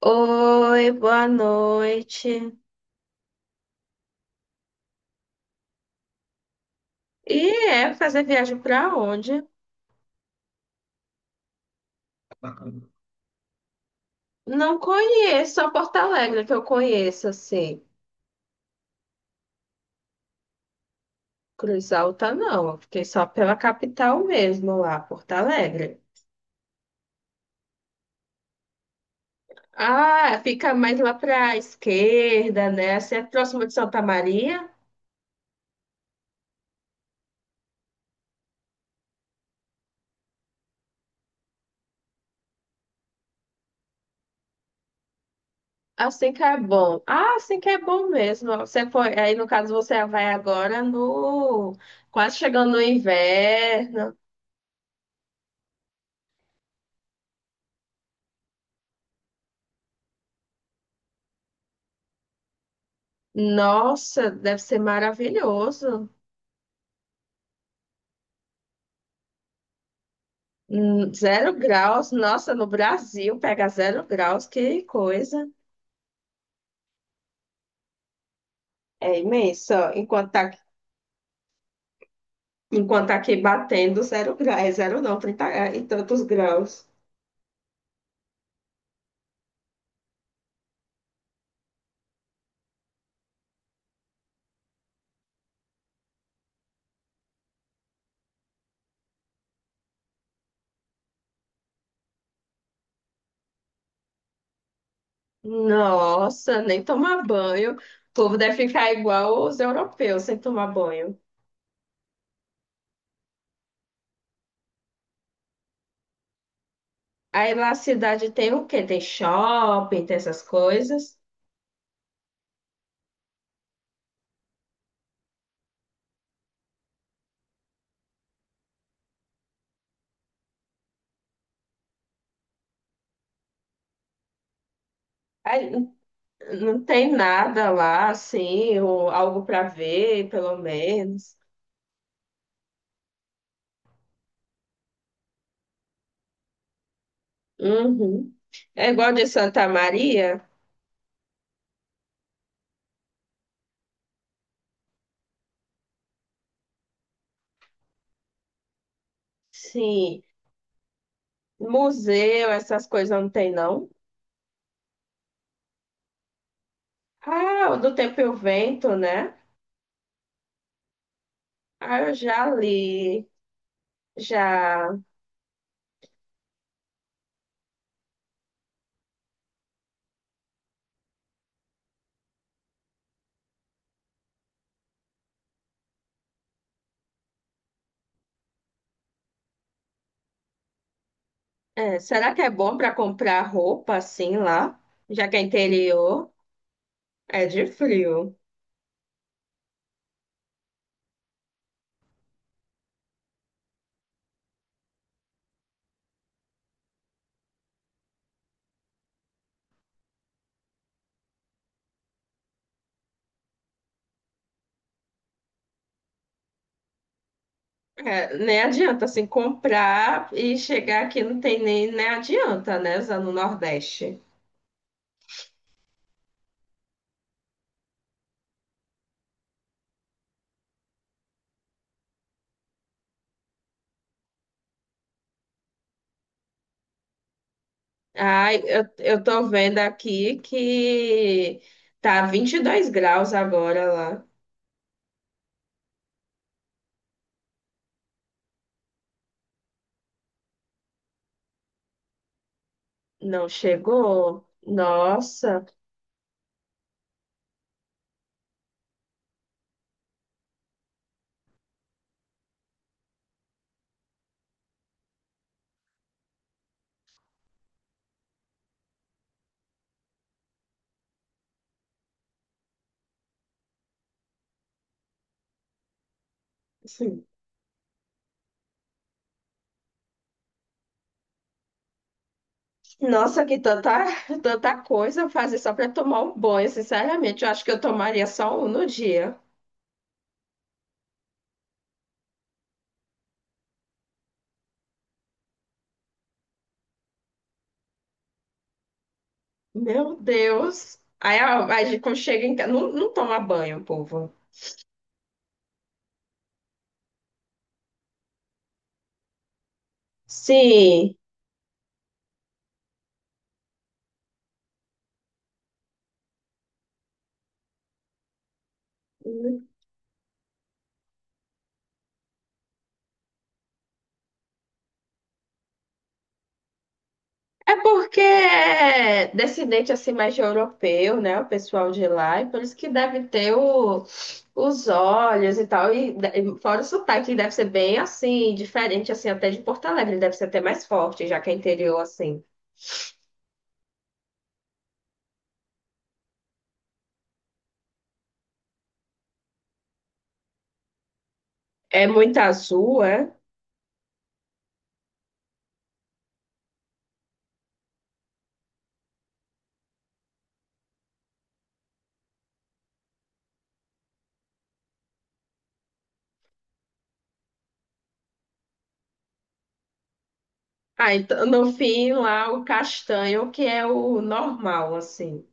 Oi, boa noite. E é fazer viagem para onde? Não conheço, só Porto Alegre que eu conheço, assim. Cruz Alta não, eu fiquei só pela capital mesmo lá, Porto Alegre. Ah, fica mais lá para esquerda, né? Assim é próximo de Santa Maria. Assim que é bom. Ah, assim que é bom mesmo. Você foi, aí no caso você vai agora no quase chegando no inverno. Nossa, deve ser maravilhoso. Zero graus, nossa, no Brasil pega zero graus, que coisa. É imenso, ó. Enquanto tá aqui batendo zero graus, é zero não, 30 e tantos graus. Nossa, nem tomar banho. O povo deve ficar igual os europeus sem tomar banho. Aí lá a cidade tem o quê? Tem shopping, tem essas coisas. Aí não tem nada lá, assim, ou algo para ver, pelo menos. Uhum. É igual de Santa Maria. Sim, museu, essas coisas não tem, não. Ah, o do Tempo e o Vento, né? Ah, eu já li, já. É, será que é bom para comprar roupa assim lá? Já que é interior, é de frio. É, nem adianta assim comprar e chegar aqui não tem nem adianta, né? Usando o Nordeste. Ai, eu tô vendo aqui que tá 22 graus agora lá. Não chegou? Nossa. Sim. Nossa, que tanta, tanta coisa fazer só para tomar um banho, sinceramente. Eu acho que eu tomaria só um no dia. Meu Deus. Aí, aí quando chega em casa, não, não toma banho, povo. Sim. É porque é descendente assim mais de europeu, né? O pessoal de lá, e por isso que deve ter os olhos e tal. E, fora o sotaque, deve ser bem assim, diferente assim até de Porto Alegre, ele deve ser até mais forte, já que é interior assim. É muito azul, é? Ah, então no fim lá o castanho, que é o normal, assim.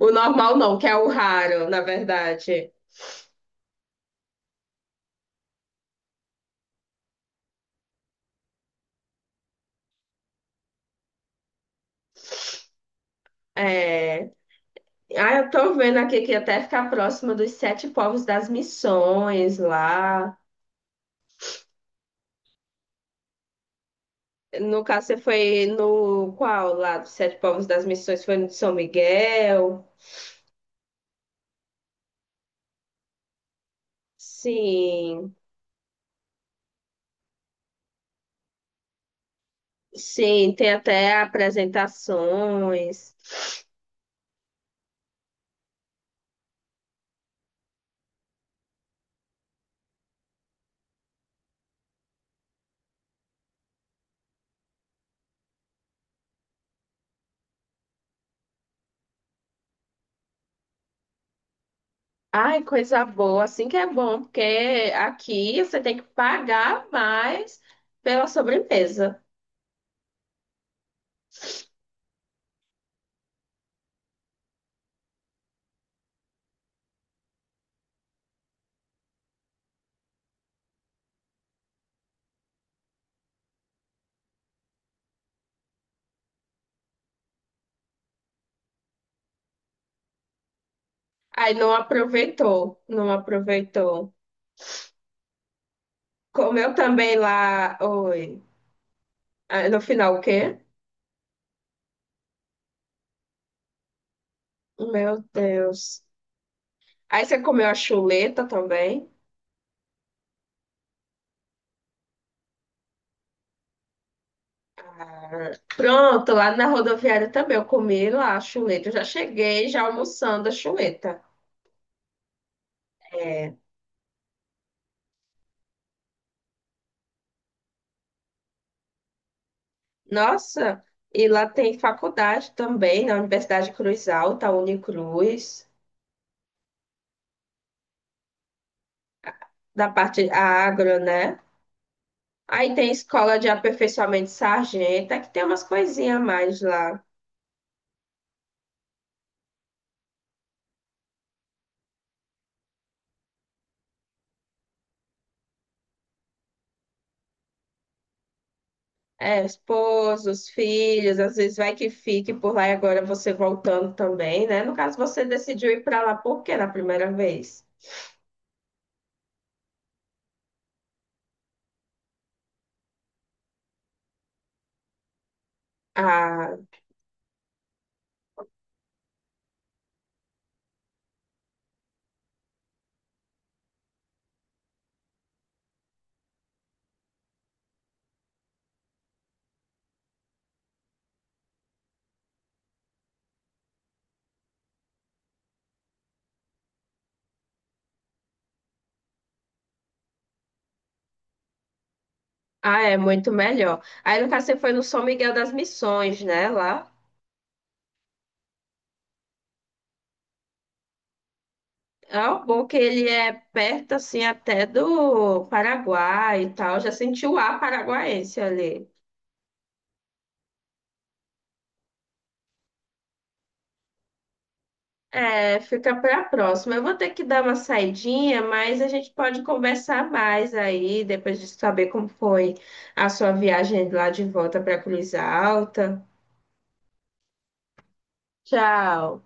O normal não, que é o raro, na verdade. É. Ah, eu tô vendo aqui que até ficar próximo dos sete povos das missões lá. No caso, você foi no qual lá dos sete povos das missões? Foi no de São Miguel? Sim, sim, tem até apresentações. Ai, coisa boa, assim que é bom, porque aqui você tem que pagar mais pela sobremesa. Aí não aproveitou, não aproveitou. Comeu também lá, oi. Ah, no final o quê? Meu Deus. Aí você comeu a chuleta também. Ah, pronto, lá na rodoviária também eu comi lá a chuleta. Eu já cheguei já almoçando a chuleta. É, nossa, e lá tem faculdade também, na Universidade Cruz Alta, Unicruz, da parte agro, né? Aí tem escola de aperfeiçoamento de sargento, é que tem umas coisinhas a mais lá. É, esposos, filhos, às vezes vai que fique por lá e agora você voltando também, né? No caso, você decidiu ir para lá por quê na primeira vez? Ah, ah, é muito melhor. Aí, no caso, você foi no São Miguel das Missões, né? Lá. Ah, o bom que ele é perto, assim, até do Paraguai e tal. Já senti o ar paraguaense ali. É, fica para a próxima. Eu vou ter que dar uma saidinha, mas a gente pode conversar mais aí, depois de saber como foi a sua viagem lá de volta para Cruz Alta. Tchau.